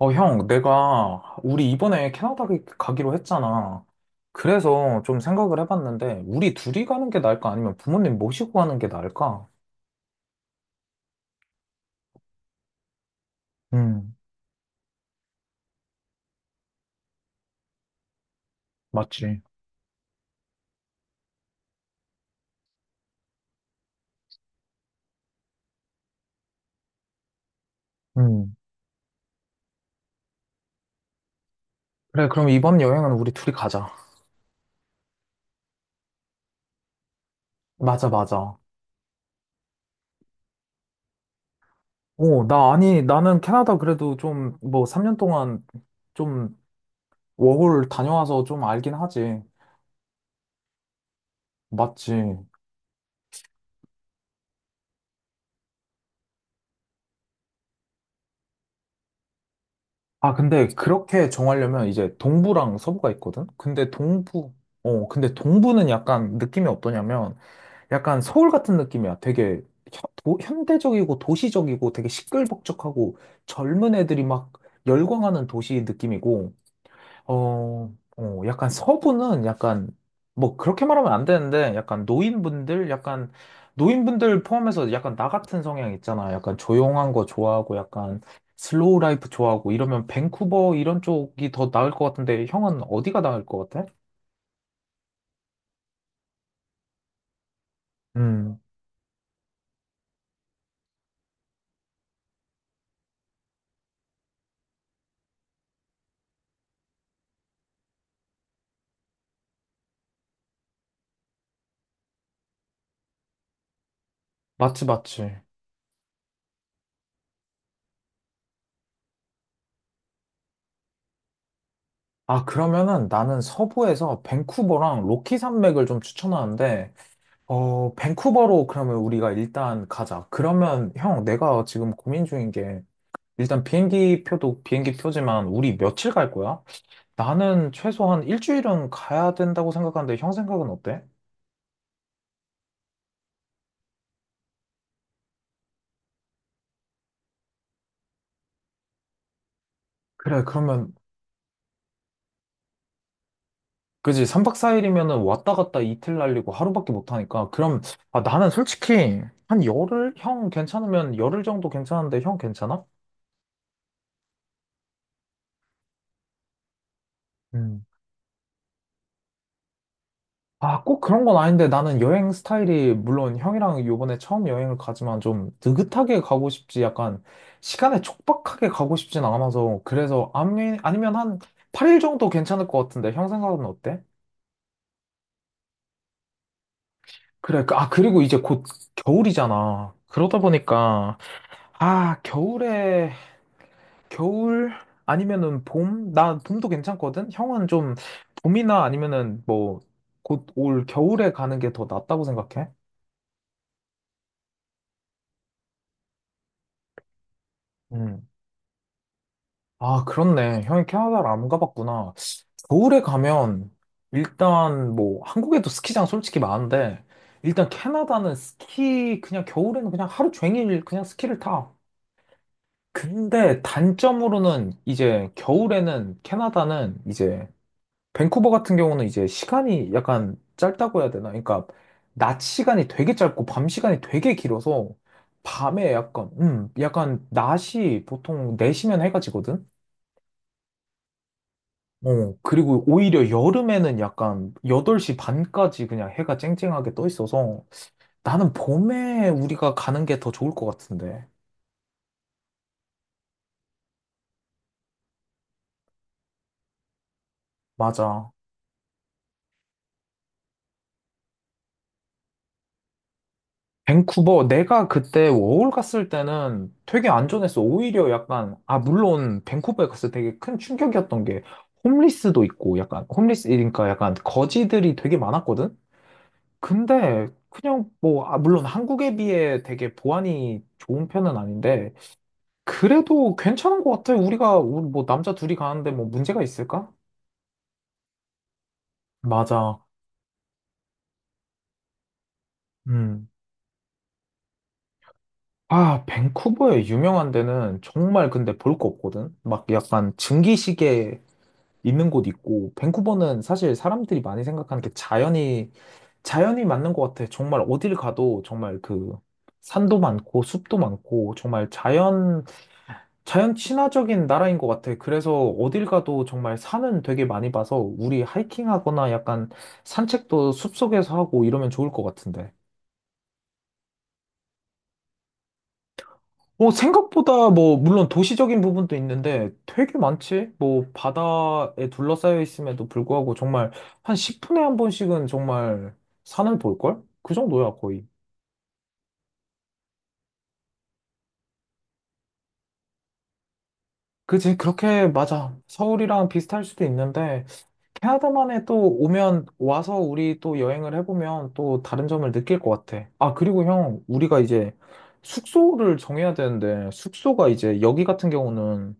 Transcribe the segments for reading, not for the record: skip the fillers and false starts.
형, 우리 이번에 캐나다 가기로 했잖아. 그래서 좀 생각을 해봤는데, 우리 둘이 가는 게 나을까? 아니면 부모님 모시고 가는 게 나을까? 음, 맞지. 음. 그래, 그럼 이번 여행은 우리 둘이 가자. 맞아, 맞아. 오, 아니, 나는 캐나다 그래도 좀, 뭐, 3년 동안 좀, 워홀 다녀와서 좀 알긴 하지. 맞지. 아, 근데 그렇게 정하려면 이제 동부랑 서부가 있거든? 근데 동부는 약간 느낌이 어떠냐면 약간 서울 같은 느낌이야. 되게 현대적이고 도시적이고 되게 시끌벅적하고 젊은 애들이 막 열광하는 도시 느낌이고. 약간 서부는 약간, 뭐, 그렇게 말하면 안 되는데, 노인분들 포함해서 약간 나 같은 성향 있잖아. 약간 조용한 거 좋아하고, 약간 슬로우 라이프 좋아하고, 이러면 밴쿠버 이런 쪽이 더 나을 것 같은데, 형은 어디가 나을 것 같아? 음, 맞지, 맞지. 아, 그러면은 나는 서부에서 밴쿠버랑 로키 산맥을 좀 추천하는데, 밴쿠버로 그러면 우리가 일단 가자. 그러면 형, 내가 지금 고민 중인 게, 일단 비행기 표도 비행기 표지만 우리 며칠 갈 거야? 나는 최소한 일주일은 가야 된다고 생각하는데 형 생각은 어때? 그래, 그러면 그지 3박 4일이면은 왔다 갔다 이틀 날리고 하루밖에 못 하니까 그럼. 아 나는 솔직히 한 10일, 형 괜찮으면 10일 정도 괜찮은데 형 괜찮아? 음. 아, 꼭 그런 건 아닌데 나는 여행 스타일이 물론 형이랑 요번에 처음 여행을 가지만 좀 느긋하게 가고 싶지, 약간 시간에 촉박하게 가고 싶진 않아서. 그래서 아니, 아니면 한 8일 정도 괜찮을 것 같은데 형 생각은 어때? 그래, 아, 그리고 이제 곧 겨울이잖아. 그러다 보니까 아, 겨울에 겨울 아니면은 봄? 나 봄도 괜찮거든? 형은 좀 봄이나 아니면은 뭐 곧 올 겨울에 가는 게 더 낫다고 생각해? 아, 그렇네. 형이 캐나다를 안 가봤구나. 겨울에 가면 일단 뭐 한국에도 스키장 솔직히 많은데 일단 캐나다는 스키 그냥 겨울에는 그냥 하루 종일 그냥 스키를 타. 근데 단점으로는 이제 겨울에는 캐나다는 이제 밴쿠버 같은 경우는 이제 시간이 약간 짧다고 해야 되나? 그러니까 낮 시간이 되게 짧고 밤 시간이 되게 길어서 밤에 약간 약간 낮이 보통 4시면 해가 지거든. 어, 그리고 오히려 여름에는 약간 8시 반까지 그냥 해가 쨍쨍하게 떠 있어서 나는 봄에 우리가 가는 게 더 좋을 것 같은데. 맞아. 밴쿠버, 내가 그때 워홀 갔을 때는 되게 안전했어. 오히려 약간, 아, 물론 밴쿠버에 갔을 때 되게 큰 충격이었던 게 홈리스도 있고 약간, 홈리스, 그러니까 약간 거지들이 되게 많았거든? 근데 그냥 뭐, 아, 물론 한국에 비해 되게 보안이 좋은 편은 아닌데 그래도 괜찮은 것 같아. 우리 뭐, 남자 둘이 가는데 뭐 문제가 있을까? 맞아. 음. 아, 밴쿠버의 유명한 데는 정말 근데 볼 거 없거든? 막 약간 증기시계 있는 곳 있고, 밴쿠버는 사실 사람들이 많이 생각하는 게 자연이 맞는 것 같아. 정말 어딜 가도 정말 그 산도 많고, 숲도 많고, 정말 자연 친화적인 나라인 것 같아. 그래서 어딜 가도 정말 산은 되게 많이 봐서 우리 하이킹하거나 약간 산책도 숲속에서 하고 이러면 좋을 것 같은데. 어, 생각보다 뭐, 물론 도시적인 부분도 있는데 되게 많지? 뭐, 바다에 둘러싸여 있음에도 불구하고 정말 한 10분에 한 번씩은 정말 산을 볼걸? 그 정도야, 거의. 그지? 그렇게, 맞아. 서울이랑 비슷할 수도 있는데, 캐나다만에 또 오면, 와서 우리 또 여행을 해보면 또 다른 점을 느낄 것 같아. 아, 그리고 형, 우리가 이제 숙소를 정해야 되는데, 숙소가 이제 여기 같은 경우는,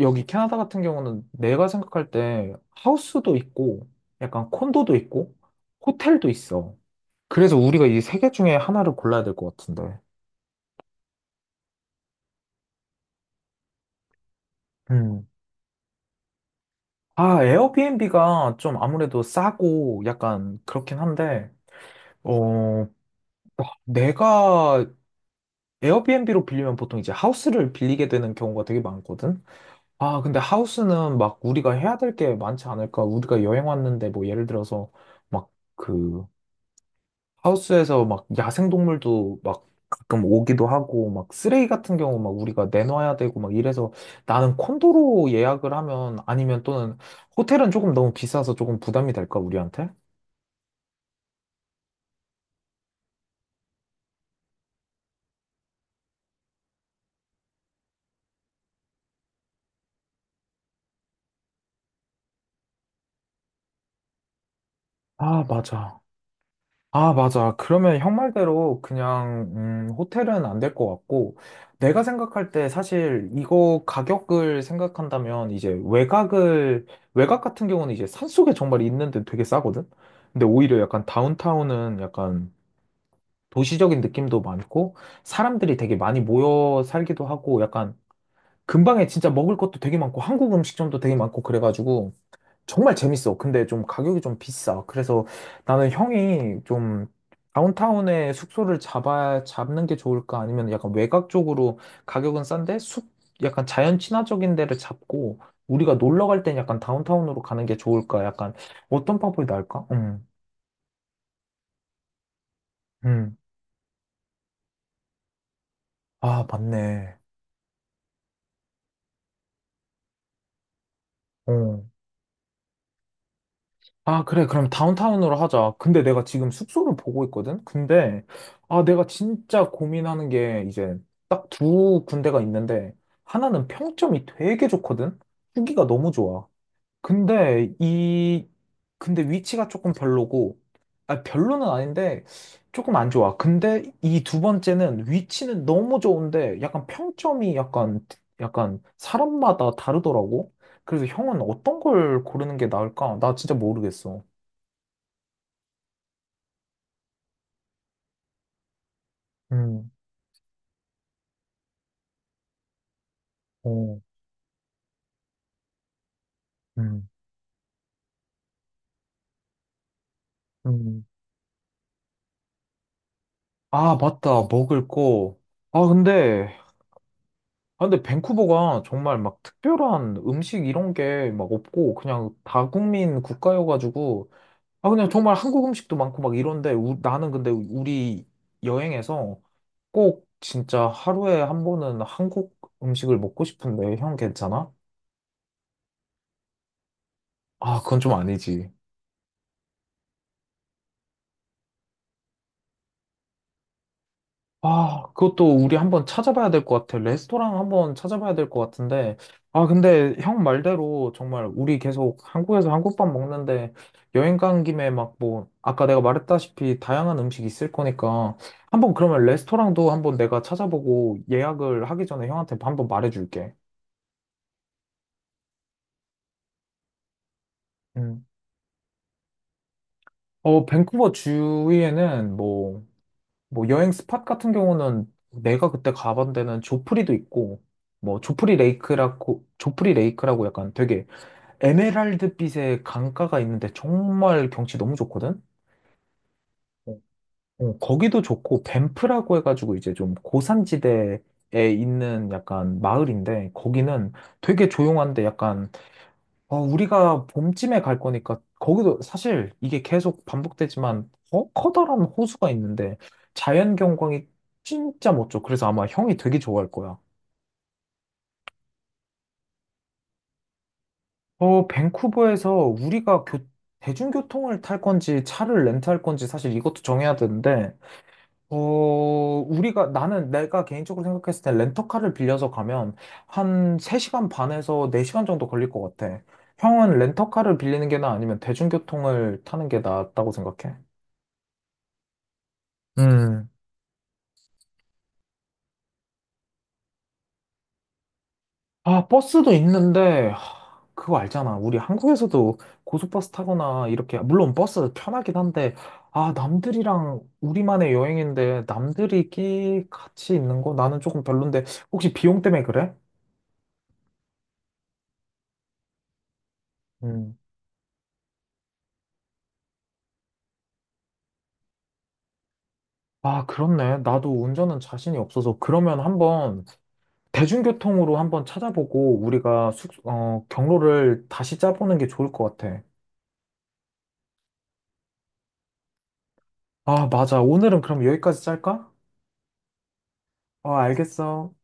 여기 캐나다 같은 경우는 내가 생각할 때 하우스도 있고, 약간 콘도도 있고, 호텔도 있어. 그래서 우리가 이 세 개 중에 하나를 골라야 될 것 같은데. 음. 아, 에어비앤비가 좀 아무래도 싸고 약간 그렇긴 한데, 어, 내가 에어비앤비로 빌리면 보통 이제 하우스를 빌리게 되는 경우가 되게 많거든. 아, 근데 하우스는 막 우리가 해야 될 게 많지 않을까? 우리가 여행 왔는데 뭐 예를 들어서 막 그 하우스에서 막 야생동물도 막 가끔 오기도 하고 막 쓰레기 같은 경우 막 우리가 내놔야 되고 막 이래서 나는 콘도로 예약을 하면 아니면 또는 호텔은 조금 너무 비싸서 조금 부담이 될까 우리한테? 아, 맞아. 아, 맞아. 그러면 형 말대로 그냥, 호텔은 안 될 것 같고, 내가 생각할 때 사실 이거 가격을 생각한다면 이제 외곽 같은 경우는 이제 산속에 정말 있는데 되게 싸거든? 근데 오히려 약간 다운타운은 약간 도시적인 느낌도 많고, 사람들이 되게 많이 모여 살기도 하고, 약간 근방에 진짜 먹을 것도 되게 많고, 한국 음식점도 되게 많고, 그래가지고, 정말 재밌어. 근데 좀 가격이 좀 비싸. 그래서 나는 형이 좀 다운타운에 숙소를 잡는 게 좋을까? 아니면 약간 외곽 쪽으로 가격은 약간 자연 친화적인 데를 잡고 우리가 놀러 갈 땐 약간 다운타운으로 가는 게 좋을까? 약간 어떤 방법이 나을까? 음. 아, 맞네. 어. 아, 그래. 그럼 다운타운으로 하자. 근데 내가 지금 숙소를 보고 있거든? 근데, 아, 내가 진짜 고민하는 게 이제 딱 두 군데가 있는데, 하나는 평점이 되게 좋거든? 후기가 너무 좋아. 근데 이, 근데 위치가 조금 별로고, 아, 별로는 아닌데, 조금 안 좋아. 근데 이 두 번째는 위치는 너무 좋은데, 약간 사람마다 다르더라고. 그래서 형은 어떤 걸 고르는 게 나을까? 나 진짜 모르겠어. 음, 어, 음, 음. 아, 맞다. 먹을 거. 아, 근데, 아, 근데 밴쿠버가 정말 막 특별한 음식 이런 게 막 없고, 그냥 다국민 국가여가지고, 아, 그냥 정말 한국 음식도 많고 막 이런데, 나는 근데 우리 여행에서 꼭 진짜 하루에 한 번은 한국 음식을 먹고 싶은데, 형 괜찮아? 아, 그건 좀 아니지. 아, 그것도 우리 한번 찾아봐야 될 것 같아. 레스토랑 한번 찾아봐야 될 것 같은데. 아, 근데 형 말대로 정말 우리 계속 한국에서 한국밥 먹는데 여행 간 김에 막 뭐, 아까 내가 말했다시피 다양한 음식 있을 거니까 한번 그러면 레스토랑도 한번 내가 찾아보고 예약을 하기 전에 형한테 한번 말해줄게. 음. 어, 뭐 여행 스팟 같은 경우는 내가 그때 가본 데는 조프리도 있고 뭐 조프리 레이크라고 약간 되게 에메랄드빛의 강가가 있는데 정말 경치 너무 좋거든? 어, 거기도 좋고, 밴프라고 해가지고 이제 좀 고산지대에 있는 약간 마을인데, 거기는 되게 조용한데 약간, 어, 우리가 봄쯤에 갈 거니까, 거기도 사실 이게 계속 반복되지만, 어, 커다란 호수가 있는데, 자연 경관이 진짜 멋져. 그래서 아마 형이 되게 좋아할 거야. 어, 대중교통을 탈 건지 차를 렌트할 건지 사실 이것도 정해야 되는데, 어, 나는 내가 개인적으로 생각했을 때 렌터카를 빌려서 가면 한 3시간 반에서 4시간 정도 걸릴 것 같아. 형은 렌터카를 빌리는 게 나아 아니면 대중교통을 타는 게 낫다고 생각해? 음. 아, 버스도 있는데, 하, 그거 알잖아. 우리 한국에서도 고속버스 타거나 이렇게, 물론 버스 편하긴 한데, 아, 남들이랑 우리만의 여행인데, 남들이 끼 같이 있는 거? 나는 조금 별론데, 혹시 비용 때문에 그래? 음. 아, 그렇네. 나도 운전은 자신이 없어서, 그러면 한번 대중교통으로 한번 찾아보고, 경로를 다시 짜보는 게 좋을 것 같아. 아, 맞아. 오늘은 그럼 여기까지 짤까? 아, 알겠어.